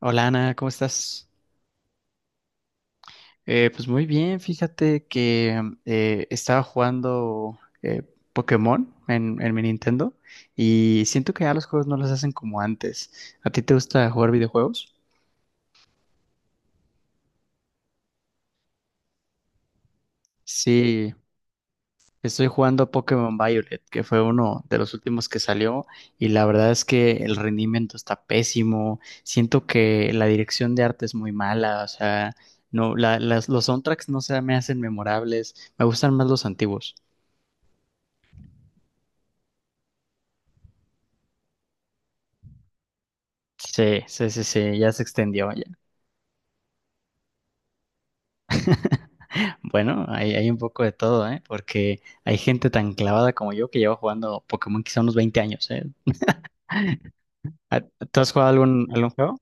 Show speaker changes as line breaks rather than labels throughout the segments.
Hola Ana, ¿cómo estás? Pues muy bien, fíjate que estaba jugando Pokémon en mi Nintendo y siento que ya los juegos no los hacen como antes. ¿A ti te gusta jugar videojuegos? Sí, estoy jugando Pokémon Violet, que fue uno de los últimos que salió y la verdad es que el rendimiento está pésimo, siento que la dirección de arte es muy mala, o sea, no, los soundtracks no se me hacen memorables, me gustan más los antiguos. Sí, sí, sí, sí, ya se extendió ya. Bueno, hay un poco de todo, ¿eh? Porque hay gente tan clavada como yo que lleva jugando Pokémon quizá unos 20 años, ¿eh? Ah, ¿tú has jugado algún juego?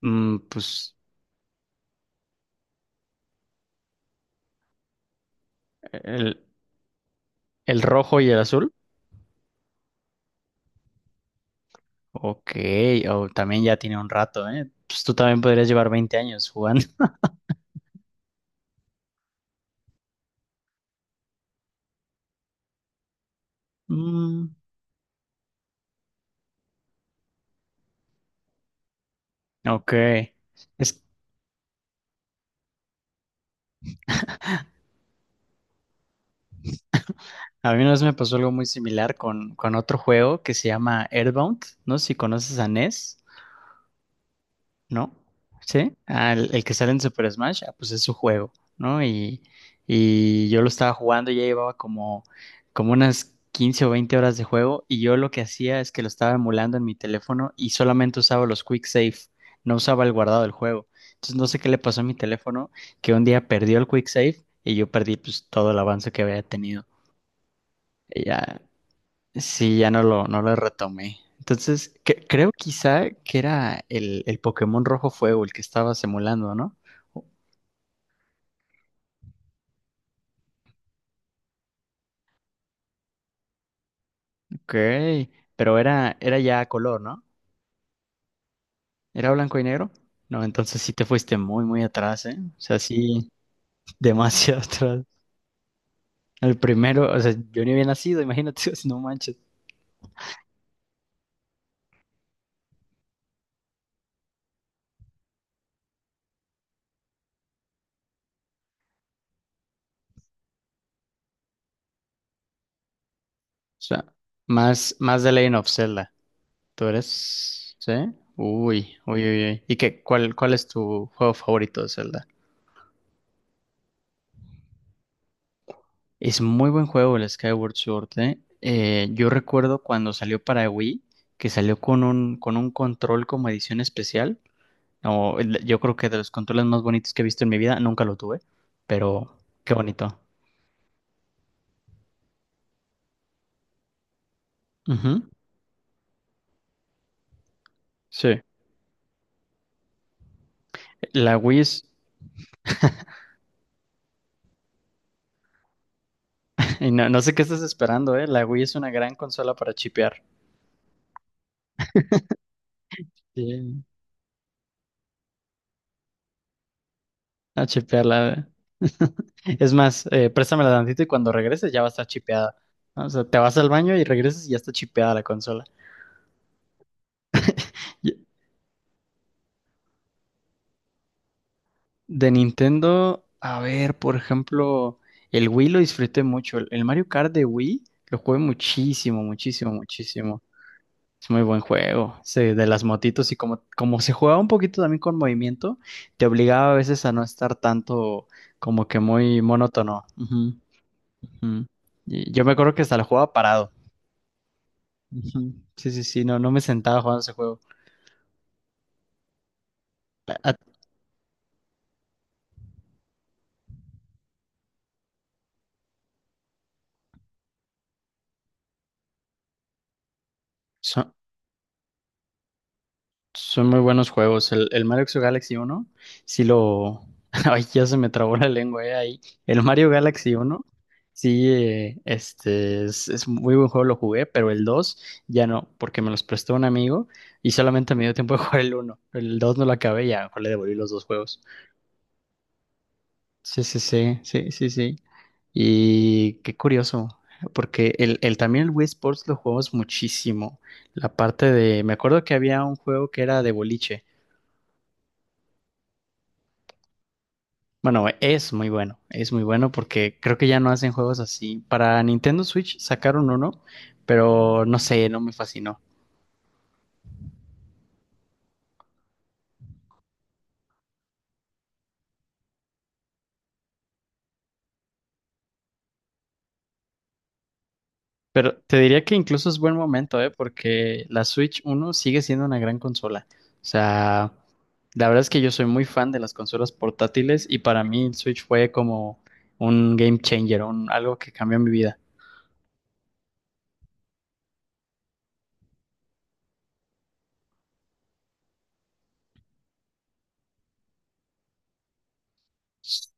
Pues el, el rojo y el azul. Ok, o también ya tiene un rato, ¿eh? Pues tú también podrías llevar 20 años jugando. Mm, ok. Es, a mí una vez me pasó algo muy similar con otro juego que se llama Earthbound. No sé si conoces a NES. ¿No? ¿Sí? Ah, el que sale en Super Smash, ah, pues es su juego, ¿no? Y yo lo estaba jugando, ya llevaba como unas 15 o 20 horas de juego y yo lo que hacía es que lo estaba emulando en mi teléfono y solamente usaba los quick save, no usaba el guardado del juego. Entonces no sé qué le pasó a mi teléfono, que un día perdió el quick save y yo perdí pues todo el avance que había tenido. Y ya Sí, ya no lo, no lo retomé. Entonces, creo quizá que era el Pokémon Rojo Fuego el que estaba simulando, ¿no? Ok, pero era ya a color, ¿no? ¿Era blanco y negro? No, entonces sí te fuiste muy, muy atrás, ¿eh? O sea, sí, demasiado atrás. El primero, o sea, yo ni había nacido, imagínate, no manches. O sea, más, más de Legend of Zelda. ¿Tú eres? ¿Sí? Uy, uy, uy, uy. ¿Y qué, cuál es tu juego favorito de Zelda? Es muy buen juego el Skyward Sword, ¿eh? Yo recuerdo cuando salió para Wii, que salió con un control como edición especial. No, yo creo que de los controles más bonitos que he visto en mi vida, nunca lo tuve, pero qué bonito. Ujú, sí. La Wii es. Y no, no sé qué estás esperando, ¿eh? La Wii es una gran consola para chipear. Sí. A chipearla. Es más, préstamela tantito y cuando regreses ya va a estar chipeada. O sea, te vas al baño y regresas y ya está chipeada la consola. De Nintendo, a ver, por ejemplo, el Wii lo disfruté mucho. El Mario Kart de Wii lo jugué muchísimo, muchísimo, muchísimo. Es muy buen juego, ese de las motitos y como se jugaba un poquito también con movimiento, te obligaba a veces a no estar tanto como que muy monótono. Ujú, ujú. Y yo me acuerdo que hasta lo jugaba parado. Ujú. Sí, sí, sí, no, no me sentaba jugando ese juego. A- a- so- Son muy buenos juegos. El Mario Galaxy uno sí lo. Ay, ya se me trabó la lengua ahí. El Mario Galaxy uno sí, es muy buen juego, lo jugué, pero el 2 ya no, porque me los prestó un amigo y solamente me dio tiempo de jugar el uno. El 2 no lo acabé, ya mejor le devolví los dos juegos. Sí, sí, sí, sí, sí, sí. Y qué curioso, porque también el Wii Sports lo jugamos muchísimo. La parte de, me acuerdo que había un juego que era de boliche. Bueno, es muy bueno, es muy bueno porque creo que ya no hacen juegos así. Para Nintendo Switch sacaron uno, pero no sé, no me fascinó. Pero te diría que incluso es buen momento, ¿eh? Porque la Switch uno sigue siendo una gran consola. O sea, la verdad es que yo soy muy fan de las consolas portátiles y para mí el Switch fue como un game changer, algo que cambió mi vida.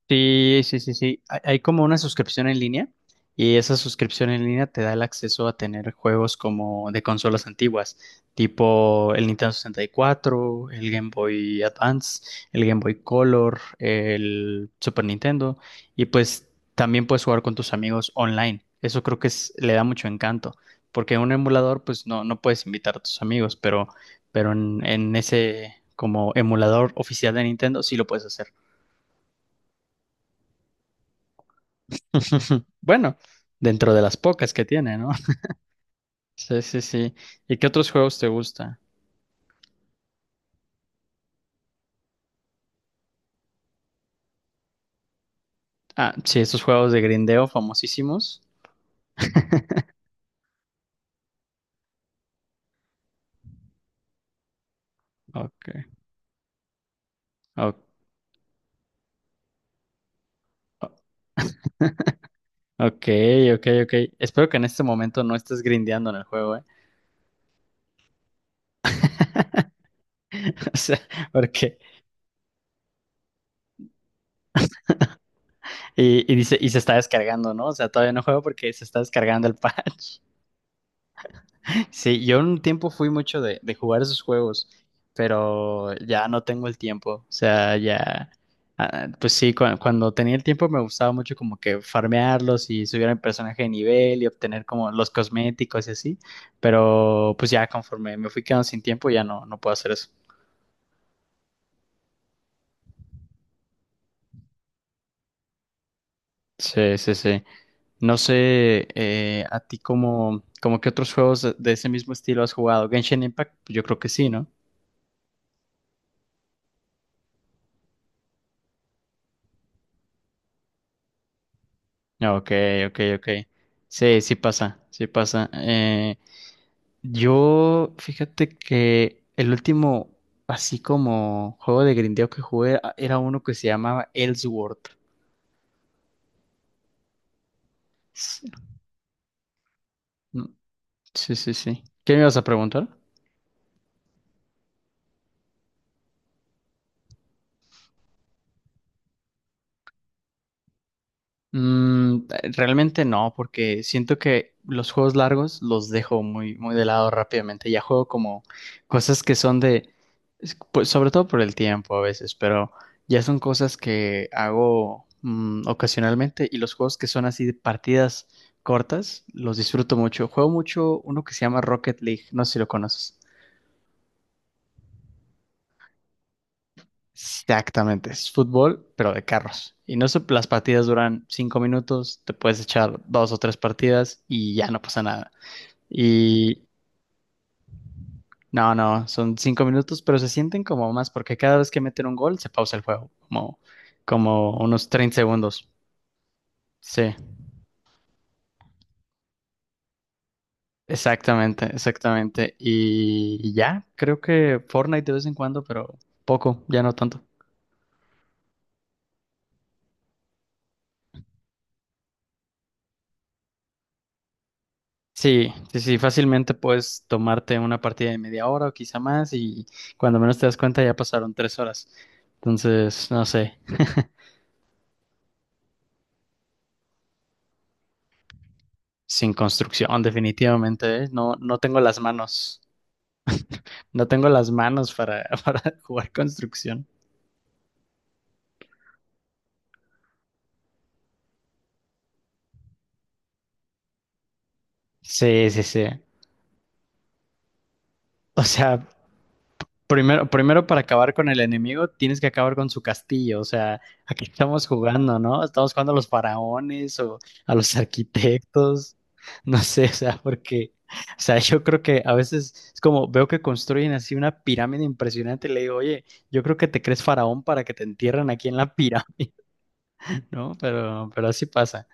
Sí, sí, sí, sí. Hay como una suscripción en línea y esa suscripción en línea te da el acceso a tener juegos como de consolas antiguas, tipo el Nintendo 64, el Game Boy Advance, el Game Boy Color, el Super Nintendo y pues también puedes jugar con tus amigos online. Eso creo que le da mucho encanto, porque en un emulador pues no, no puedes invitar a tus amigos, pero, en, ese como emulador oficial de Nintendo sí lo puedes hacer. Bueno, dentro de las pocas que tiene, ¿no? Sí, sí, sí. ¿Y qué otros juegos te gusta? Ah, sí, esos juegos de grindeo famosísimos. Ok, o- o- ok, ok, ok. Espero que en este momento no estés grindeando en el juego, ¿eh? O sea, porque. Y dice, y se está descargando, ¿no? O sea, todavía no juego porque se está descargando el patch. Sí, yo un tiempo fui mucho de jugar esos juegos, pero ya no tengo el tiempo. O sea, ya, ah, pues sí, cuando tenía el tiempo me gustaba mucho como que farmearlos y subir el personaje de nivel y obtener como los cosméticos y así, pero pues ya conforme me fui quedando sin tiempo ya no, no puedo hacer eso. Sí, sí, sí. No sé, a ti como, qué otros juegos de ese mismo estilo has jugado. Genshin Impact, pues yo creo que sí, ¿no? Ok, ok, ok. Sí, sí pasa, sí pasa. Yo, fíjate que el último, así como juego de grindeo que jugué, era uno que se llamaba Ellsworth. S- no, sí, sí, sí. ¿Qué me ibas a preguntar? Mm, realmente no, porque siento que los juegos largos los dejo muy, muy de lado rápidamente. Ya juego como cosas que son de, pues, sobre todo por el tiempo a veces, pero ya son cosas que hago ocasionalmente y los juegos que son así de partidas cortas los disfruto mucho. Juego mucho uno que se llama Rocket League, no sé si lo conoces. Exactamente, es fútbol, pero de carros. Y no se- las partidas duran 5 minutos, te puedes echar dos o tres partidas y ya no pasa nada. Y no, no, son 5 minutos, pero se sienten como más, porque cada vez que meten un gol se pausa el juego, como, unos 30 segundos. Sí, exactamente, exactamente. Y ya, creo que Fortnite de vez en cuando, pero poco, ya no tanto. Sí, sí, sí, fácilmente puedes tomarte una partida de media hora o quizá más y cuando menos te das cuenta ya pasaron 3 horas. Entonces, no sé, sin construcción definitivamente, ¿eh? No, no tengo las manos, no tengo las manos para, para jugar construcción. Sí, sí, sí. O sea, primero, primero para acabar con el enemigo, tienes que acabar con su castillo. O sea, aquí estamos jugando, ¿no? Estamos jugando a los faraones o a los arquitectos. No sé, o sea, porque, o sea, yo creo que a veces es como veo que construyen así una pirámide impresionante y le digo, oye, yo creo que te crees faraón para que te entierren aquí en la pirámide, ¿no? Pero, así pasa.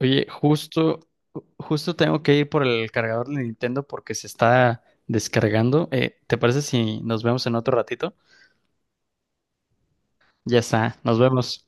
Oye, justo, justo tengo que ir por el cargador de Nintendo porque se está descargando. ¿Te parece si nos vemos en otro ratito? Ya está, nos vemos.